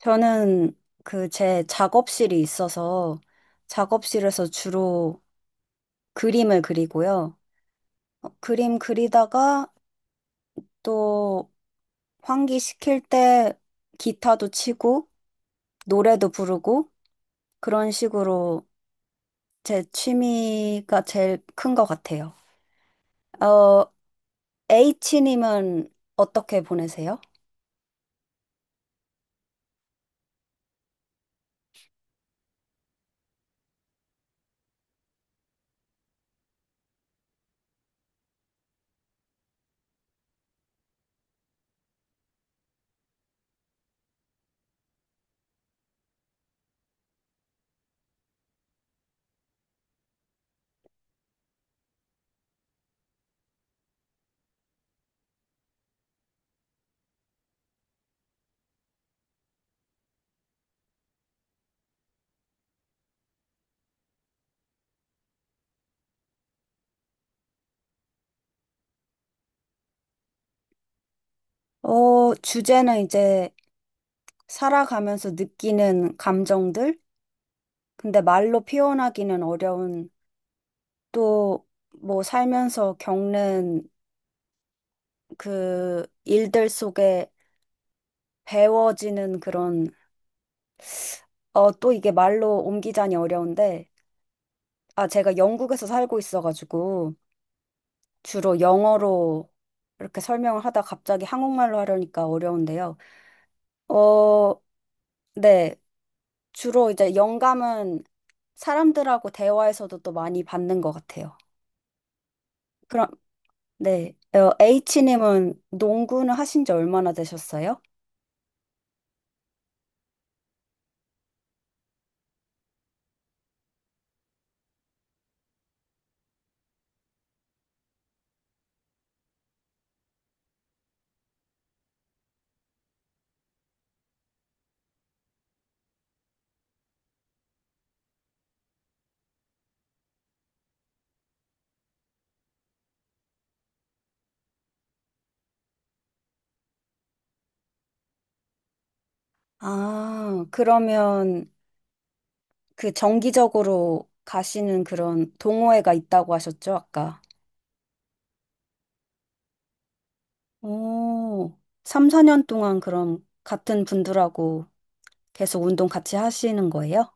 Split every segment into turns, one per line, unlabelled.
저는 그 제 작업실이 있어서 작업실에서 주로 그림을 그리고요. 그림 그리다가 또 환기시킬 때 기타도 치고 노래도 부르고 그런 식으로 제 취미가 제일 큰 것 같아요. 어, H님은 어떻게 보내세요? 주제는 이제 살아가면서 느끼는 감정들? 근데 말로 표현하기는 어려운 또 뭐 살면서 겪는 그 일들 속에 배워지는 그런 또 이게 말로 옮기자니 어려운데 아 제가 영국에서 살고 있어가지고 주로 영어로 이렇게 설명을 하다 갑자기 한국말로 하려니까 어려운데요. 어, 네. 주로 이제 영감은 사람들하고 대화에서도 또 많이 받는 것 같아요. 그럼 네. H님은 농구는 하신 지 얼마나 되셨어요? 아, 그러면 그 정기적으로 가시는 그런 동호회가 있다고 하셨죠, 아까? 오, 3, 4년 동안 그럼 같은 분들하고 계속 운동 같이 하시는 거예요?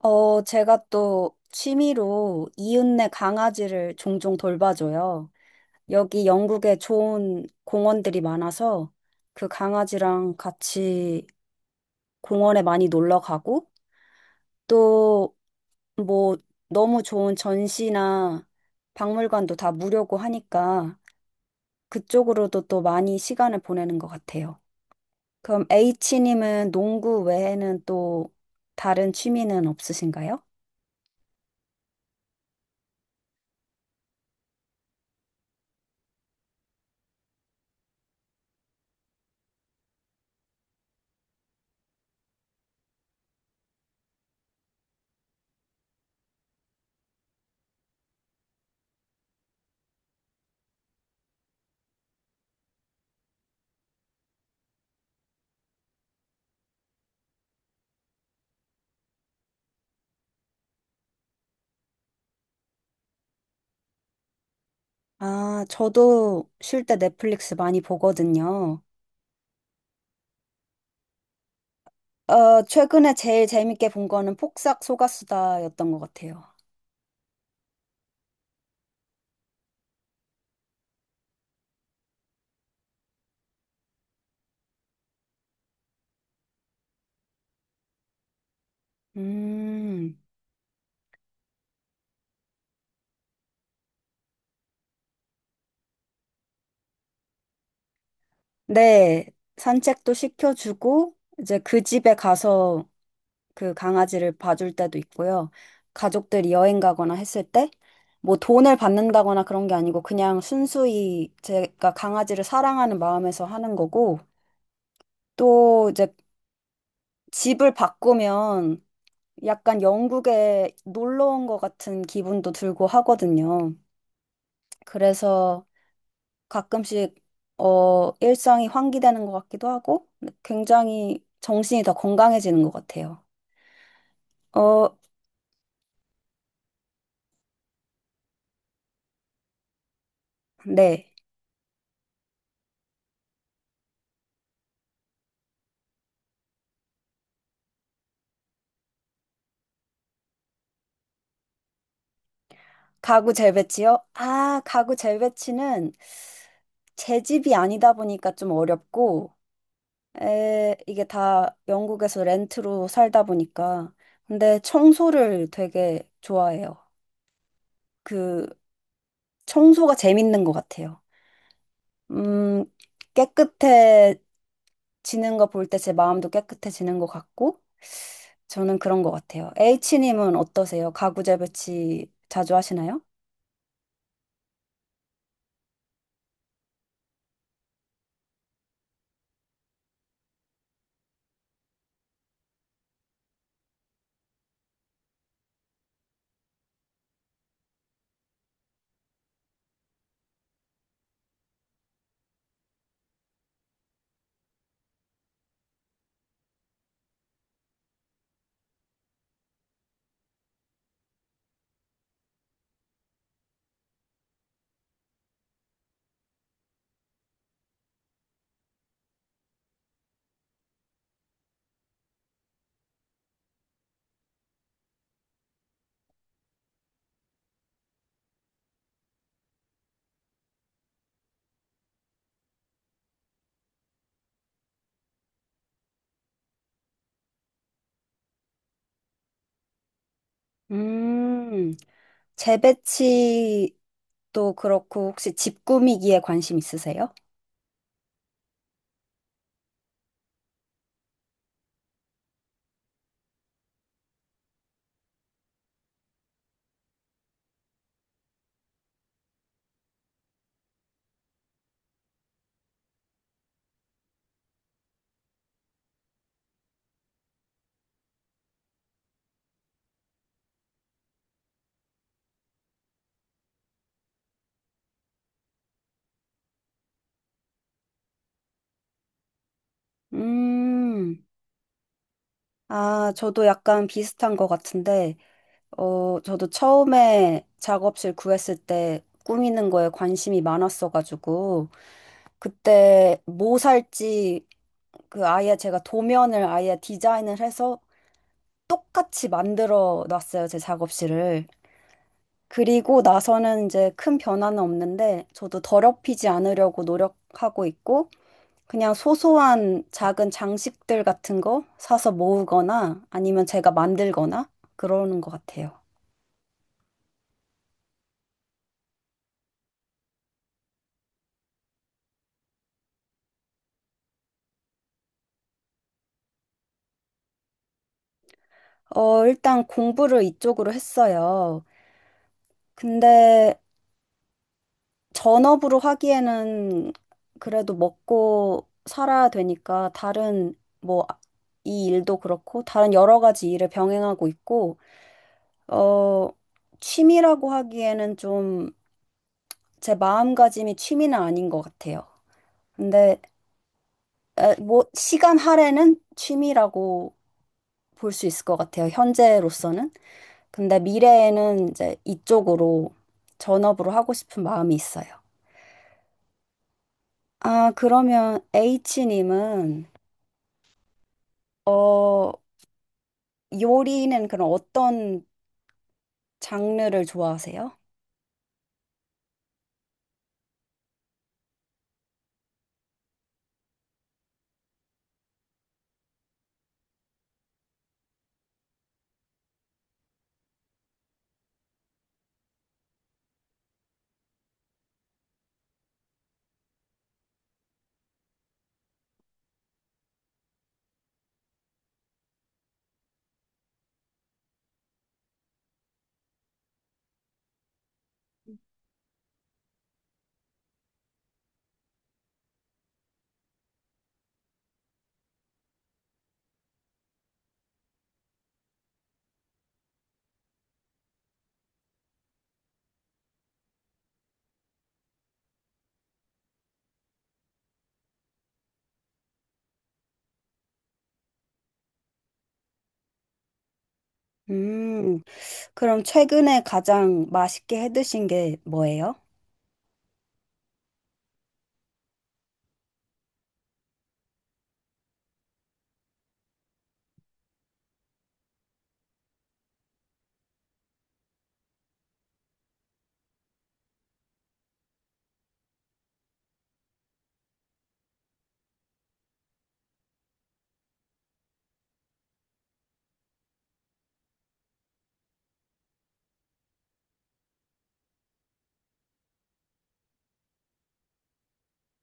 제가 또 취미로 이웃네 강아지를 종종 돌봐줘요. 여기 영국에 좋은 공원들이 많아서 그 강아지랑 같이 공원에 많이 놀러 가고 또 뭐 너무 좋은 전시나 박물관도 다 무료고 하니까 그쪽으로도 또 많이 시간을 보내는 것 같아요. 그럼 H님은 농구 외에는 또 다른 취미는 없으신가요? 아, 저도 쉴 때 넷플릭스 많이 보거든요. 최근에 제일 재밌게 본 거는 폭삭 소가수다였던 것 같아요. 음, 네, 산책도 시켜주고, 이제 그 집에 가서 그 강아지를 봐줄 때도 있고요. 가족들이 여행 가거나 했을 때, 뭐 돈을 받는다거나 그런 게 아니고, 그냥 순수히 제가 강아지를 사랑하는 마음에서 하는 거고, 또 이제 집을 바꾸면 약간 영국에 놀러 온 것 같은 기분도 들고 하거든요. 그래서 가끔씩 일상이 환기되는 것 같기도 하고 굉장히 정신이 더 건강해지는 것 같아요. 어, 네. 가구 재배치요? 아, 가구 재배치는 제 집이 아니다 보니까 좀 어렵고 이게 다 영국에서 렌트로 살다 보니까 근데 청소를 되게 좋아해요. 그 청소가 재밌는 것 같아요. 음, 깨끗해 지는 거 볼 때 제 마음도 깨끗해지는 것 같고 저는 그런 것 같아요. H님은 어떠세요? 가구 재배치 자주 하시나요? 음, 재배치도 그렇고 혹시 집 꾸미기에 관심 있으세요? 음, 아, 저도 약간 비슷한 것 같은데 저도 처음에 작업실 구했을 때 꾸미는 거에 관심이 많았어가지고, 그때 뭐 살지, 그 아예 제가 도면을 아예 디자인을 해서 똑같이 만들어 놨어요, 제 작업실을. 그리고 나서는 이제 큰 변화는 없는데, 저도 더럽히지 않으려고 노력하고 있고, 그냥 소소한 작은 장식들 같은 거 사서 모으거나 아니면 제가 만들거나 그러는 것 같아요. 일단 공부를 이쪽으로 했어요. 근데 전업으로 하기에는 그래도 먹고 살아야 되니까 다른 뭐 아, 이 일도 그렇고 다른 여러 가지 일을 병행하고 있고 어, 취미라고 하기에는 좀 제 마음가짐이 취미는 아닌 것 같아요. 근데 뭐 시간 할애는 취미라고 볼 수 있을 것 같아요. 현재로서는. 근데 미래에는 이제 이쪽으로 전업으로 하고 싶은 마음이 있어요. 아, 그러면 H님은, 어, 요리는 그럼 어떤 장르를 좋아하세요? 음, 그럼 최근에 가장 맛있게 해 드신 게 뭐예요?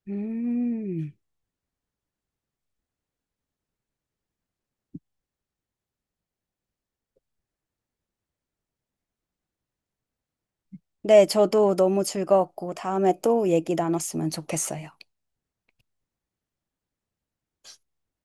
음, 네, 저도 너무 즐거웠고 다음에 또 얘기 나눴으면 좋겠어요.